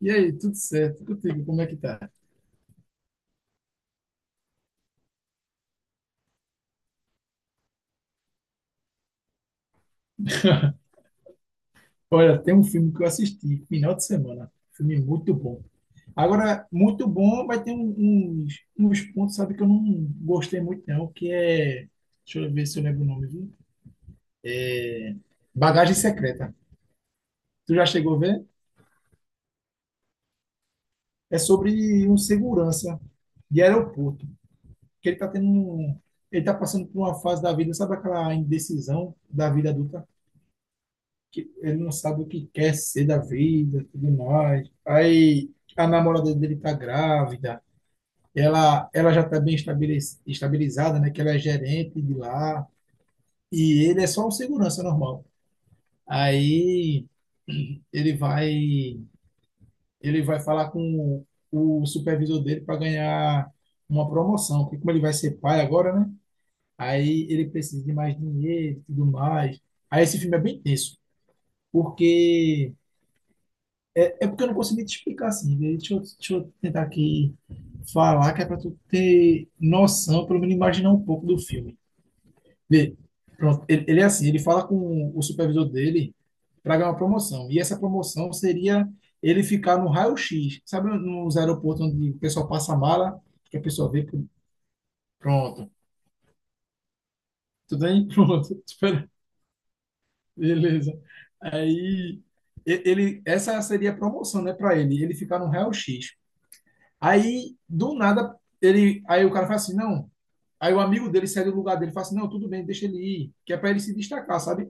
E aí, tudo certo? Contigo, como é que tá? Olha, tem um filme que eu assisti final de semana. Filme muito bom. Agora, muito bom, vai ter uns pontos, sabe, que eu não gostei muito, não, que é. Deixa eu ver se eu lembro o nome, viu? É, Bagagem Secreta. Tu já chegou a ver? É sobre um segurança de aeroporto, que ele tá ele tá passando por uma fase da vida, sabe aquela indecisão da vida adulta? Que ele não sabe o que quer ser da vida, tudo mais. Aí a namorada dele tá grávida, ela já tá bem estabilizada, né? Que ela é gerente de lá, e ele é só um segurança normal. Aí ele vai, ele vai falar com o supervisor dele para ganhar uma promoção, porque como ele vai ser pai agora, né? Aí ele precisa de mais dinheiro e tudo mais. Aí esse filme é bem tenso, porque é porque eu não consegui te explicar assim, né? Deixa eu tentar aqui falar, que é para tu ter noção, pelo menos imaginar um pouco do filme. Vê, pronto, ele é assim, ele fala com o supervisor dele para ganhar uma promoção. E essa promoção seria ele ficar no raio-x. Sabe nos aeroportos onde o pessoal passa a mala, que a pessoa vê, pronto. Tudo bem? Pronto. Espera. Beleza. Aí, essa seria a promoção, né, para ele ficar no raio-x. Aí, do nada, aí o cara fala assim, não. Aí o amigo dele sai do lugar dele e fala assim, não, tudo bem, deixa ele ir, que é para ele se destacar, sabe?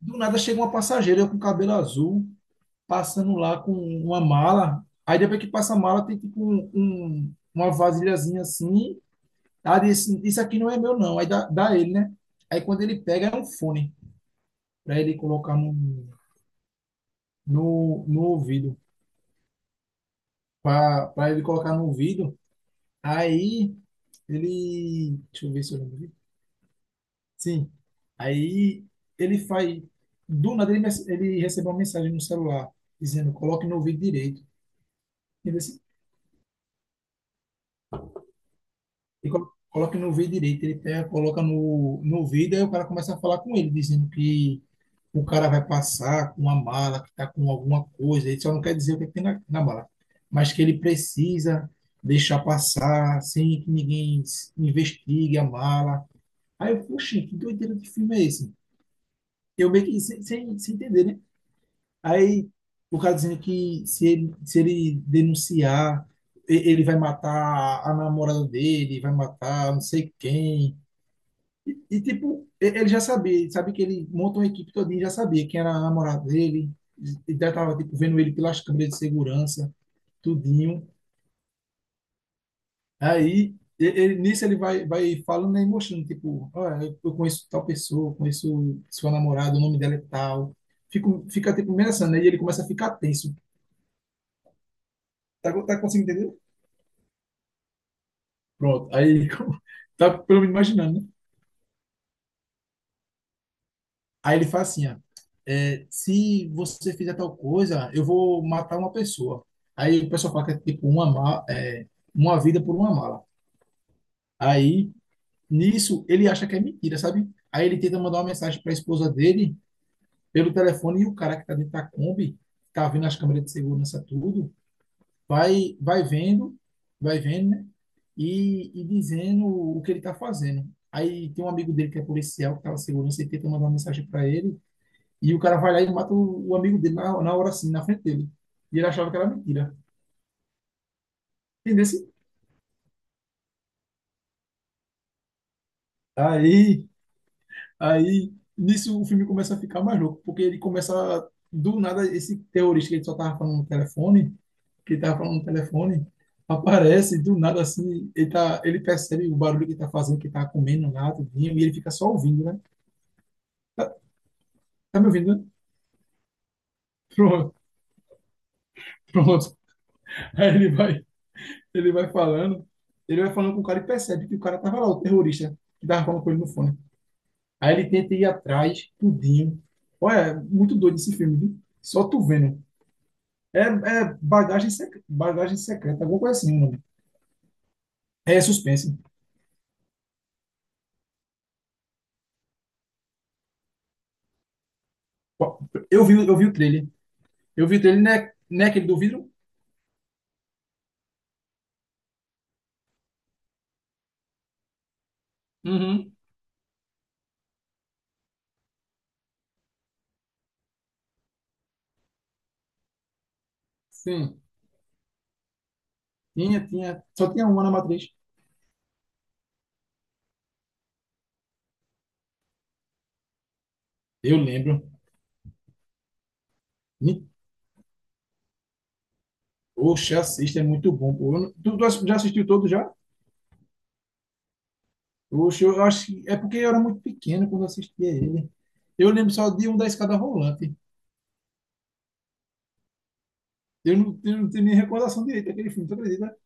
Do nada chega uma passageira com cabelo azul, passando lá com uma mala. Aí depois que passa a mala, tem tipo uma vasilhazinha assim. Ah, disse, isso aqui não é meu, não. Aí dá ele, né? Aí quando ele pega, é um fone para ele colocar no ouvido. Para ele colocar no ouvido. Aí ele. Deixa eu ver se eu lembro. Sim. Aí ele faz. Do nada ele recebeu uma mensagem no celular dizendo: coloque no ouvido direito. Ele disse, e coloque no ouvido direito. Ele pega, coloca no ouvido, aí o cara começa a falar com ele, dizendo que o cara vai passar com uma mala, que está com alguma coisa. Ele só não quer dizer o que tem na mala, mas que ele precisa deixar passar sem que ninguém investigue a mala. Aí eu, poxa, que doideira de filme é esse? Eu meio que sem entender, né? Aí o cara dizendo que se ele denunciar, ele vai matar a namorada dele, vai matar não sei quem. E, tipo, ele já sabia, ele sabia que ele montou uma equipe todinha, já sabia quem era a namorada dele, e já tava tipo, vendo ele pelas câmeras de segurança, tudinho. Aí, nisso ele vai falando, né, e mostrando, tipo, olha, eu conheço tal pessoa, eu conheço sua namorada, o nome dela é tal. Fica tipo, ameaçando, né? E ele começa a ficar tenso. Tá conseguindo entender? Pronto. Aí, tá pelo menos imaginando, né? Aí ele fala assim, ó, é, se você fizer tal coisa, eu vou matar uma pessoa. Aí o pessoal fala que é tipo uma vida por uma mala. Aí, nisso, ele acha que é mentira, sabe? Aí ele tenta mandar uma mensagem para a esposa dele pelo telefone e o cara que tá dentro da Kombi, tá vendo as câmeras de segurança, tudo, vai vendo, vai vendo, né? E dizendo o que ele está fazendo. Aí tem um amigo dele que é policial, que estava segurança, e tenta mandar uma mensagem para ele, e o cara vai lá e mata o amigo dele na hora assim, na frente dele. E ele achava que era mentira. Entendeu? Aí, aí, nisso o filme começa a ficar mais louco, porque ele começa, do nada, esse terrorista que ele só tava falando no telefone, que tá falando no telefone, aparece do nada assim, ele, tá, ele percebe o barulho que tá fazendo, que tá comendo lá, tudinho, e ele fica só ouvindo, né? Tá, tá me ouvindo, né? Pronto, pronto. Aí ele vai falando, ele vai falando com o cara e percebe que o cara tava lá, o terrorista, que tava falando com ele no fone. Aí ele tenta ir atrás, tudinho. Olha, é muito doido esse filme, viu? Só tu vendo. É bagagem secreta, alguma coisa assim, mano. É suspense. Eu vi o trailer. Eu vi o trailer, não é aquele do vidro? Uhum, sim. Tinha, tinha. Só tinha uma na matriz. Eu lembro. Ni- Oxe, assista, é muito bom, pô. Eu não- Tu já assistiu todo já? Oxe, eu acho que é porque eu era muito pequeno quando eu assistia ele. Eu lembro só de um da Escada Rolante. Eu não tenho nem recordação direita daquele filme, tu acredita?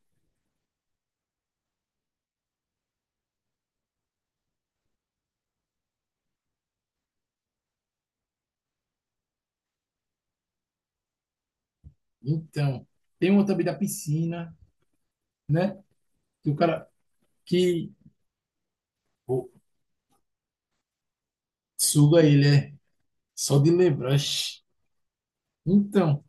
Então, tem um também da piscina, né? Que o cara que pô, suga ele, é. Só de lembrar. Oxe. Então.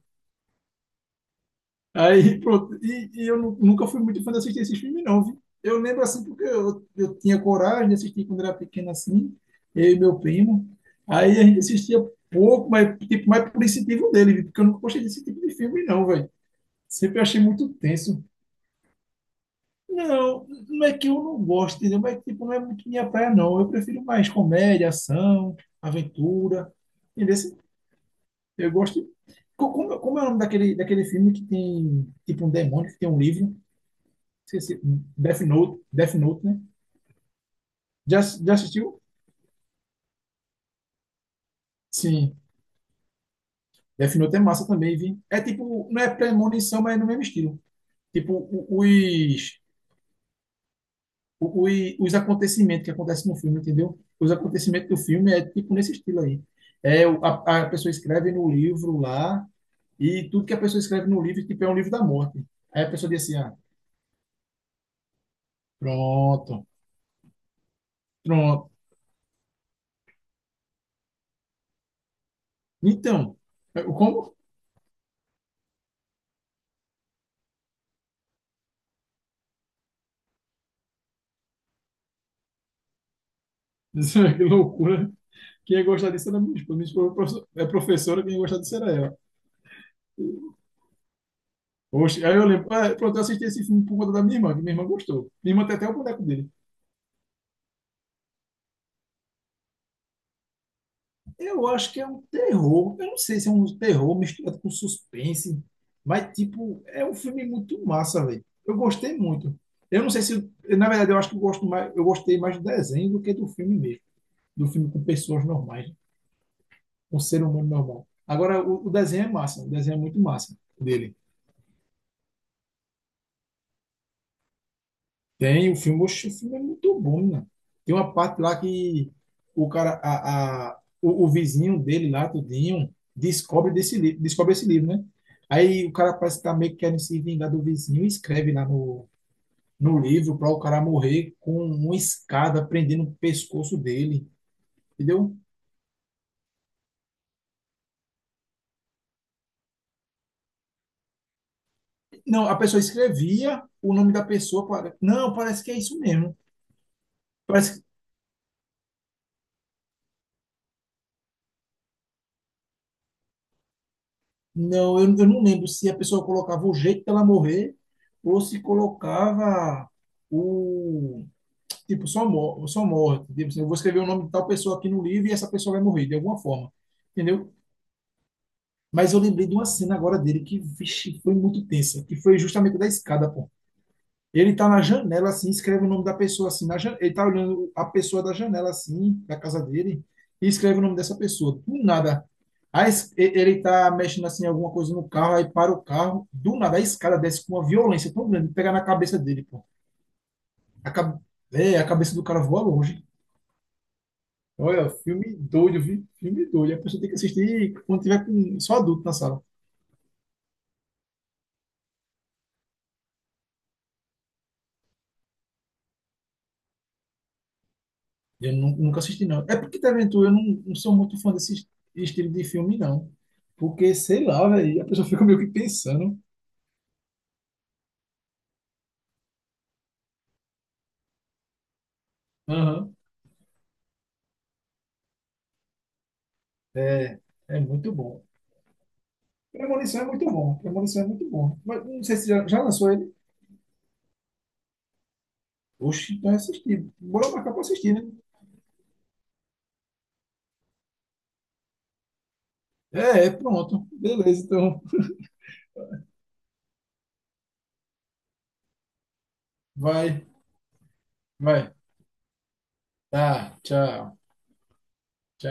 Aí, pronto. E eu nunca fui muito fã de assistir esses filmes, não, viu? Eu lembro assim, porque eu tinha coragem de assistir quando era pequeno assim, eu e meu primo. Aí a gente assistia pouco, mas tipo, mais por incentivo dele, viu? Porque eu nunca gostei desse tipo de filme, não, velho. Sempre achei muito tenso. Não, não é que eu não gosto, entendeu? Mas tipo, não é muito minha praia, não. Eu prefiro mais comédia, ação, aventura. Entendeu? Eu gosto. Como é o nome daquele, filme que tem tipo um demônio, que tem um livro? Esqueci. Death Note, Death Note, né? Já assistiu? Sim. Death Note é massa também, vi. É tipo, não é premonição, mas é no mesmo estilo. Tipo, o- os, os acontecimentos que acontecem no filme, entendeu? Os acontecimentos do filme é tipo nesse estilo aí. É, a pessoa escreve no livro lá, e tudo que a pessoa escreve no livro, tipo, é um livro da morte. Aí a pessoa diz assim, ah, pronto, pronto. Então, é, como? Que loucura. Quem ia gostar disso era minha esposa. Minha esposa é professora, quem ia gostar disso era ela. Oxe, aí eu lembro, ah, pronto, eu assisti esse filme por conta da minha irmã, que minha irmã gostou. Minha irmã tem até o boneco dele. Eu acho que é um terror, eu não sei se é um terror misturado com suspense, mas, tipo, é um filme muito massa, velho. Eu gostei muito. Eu não sei se, na verdade, eu acho que eu gostei mais do desenho do que do filme mesmo. Do filme com pessoas normais, com ser humano normal. Agora, o desenho é massa, o desenho é muito massa dele. Tem o filme, oxe, o filme é muito bom, né? Tem uma parte lá que o vizinho dele lá, tudinho, descobre desse livro, descobre esse livro, né? Aí o cara parece que tá meio que querendo se vingar do vizinho e escreve lá no livro para o cara morrer com uma escada prendendo o pescoço dele, entendeu? Não, a pessoa escrevia o nome da pessoa, para, não, parece que é isso mesmo. Parece Não, eu não lembro se a pessoa colocava o jeito dela morrer ou se colocava o. Tipo, só, mor só morte. Tipo, assim, eu vou escrever o nome de tal pessoa aqui no livro e essa pessoa vai morrer de alguma forma. Entendeu? Mas eu lembrei de uma cena agora dele que, vixe, foi muito tensa, que foi justamente da escada, pô. Ele tá na janela, assim, escreve o nome da pessoa, assim, na janela. Ele tá olhando a pessoa da janela, assim, da casa dele, e escreve o nome dessa pessoa. Do nada. Aí ele tá mexendo, assim, alguma coisa no carro, aí para o carro. Do nada, a escada desce com uma violência tão grande, pega na cabeça dele, pô. A, ca- a cabeça do cara voa longe. Olha, filme doido, filme doido. A pessoa tem que assistir quando tiver com só adulto na sala. Eu nunca assisti, não. É porque Taventura eu não sou muito fã desse estilo de filme, não. Porque, sei lá, velho, a pessoa fica meio que pensando. Aham. É, é muito bom. Premonição é muito bom. Premonição é muito bom. Mas não sei se já lançou ele. Oxi, então é assistir. Bora marcar pra assistir, né? É, pronto. Beleza, então. Vai, vai. Tá, tchau, tchau.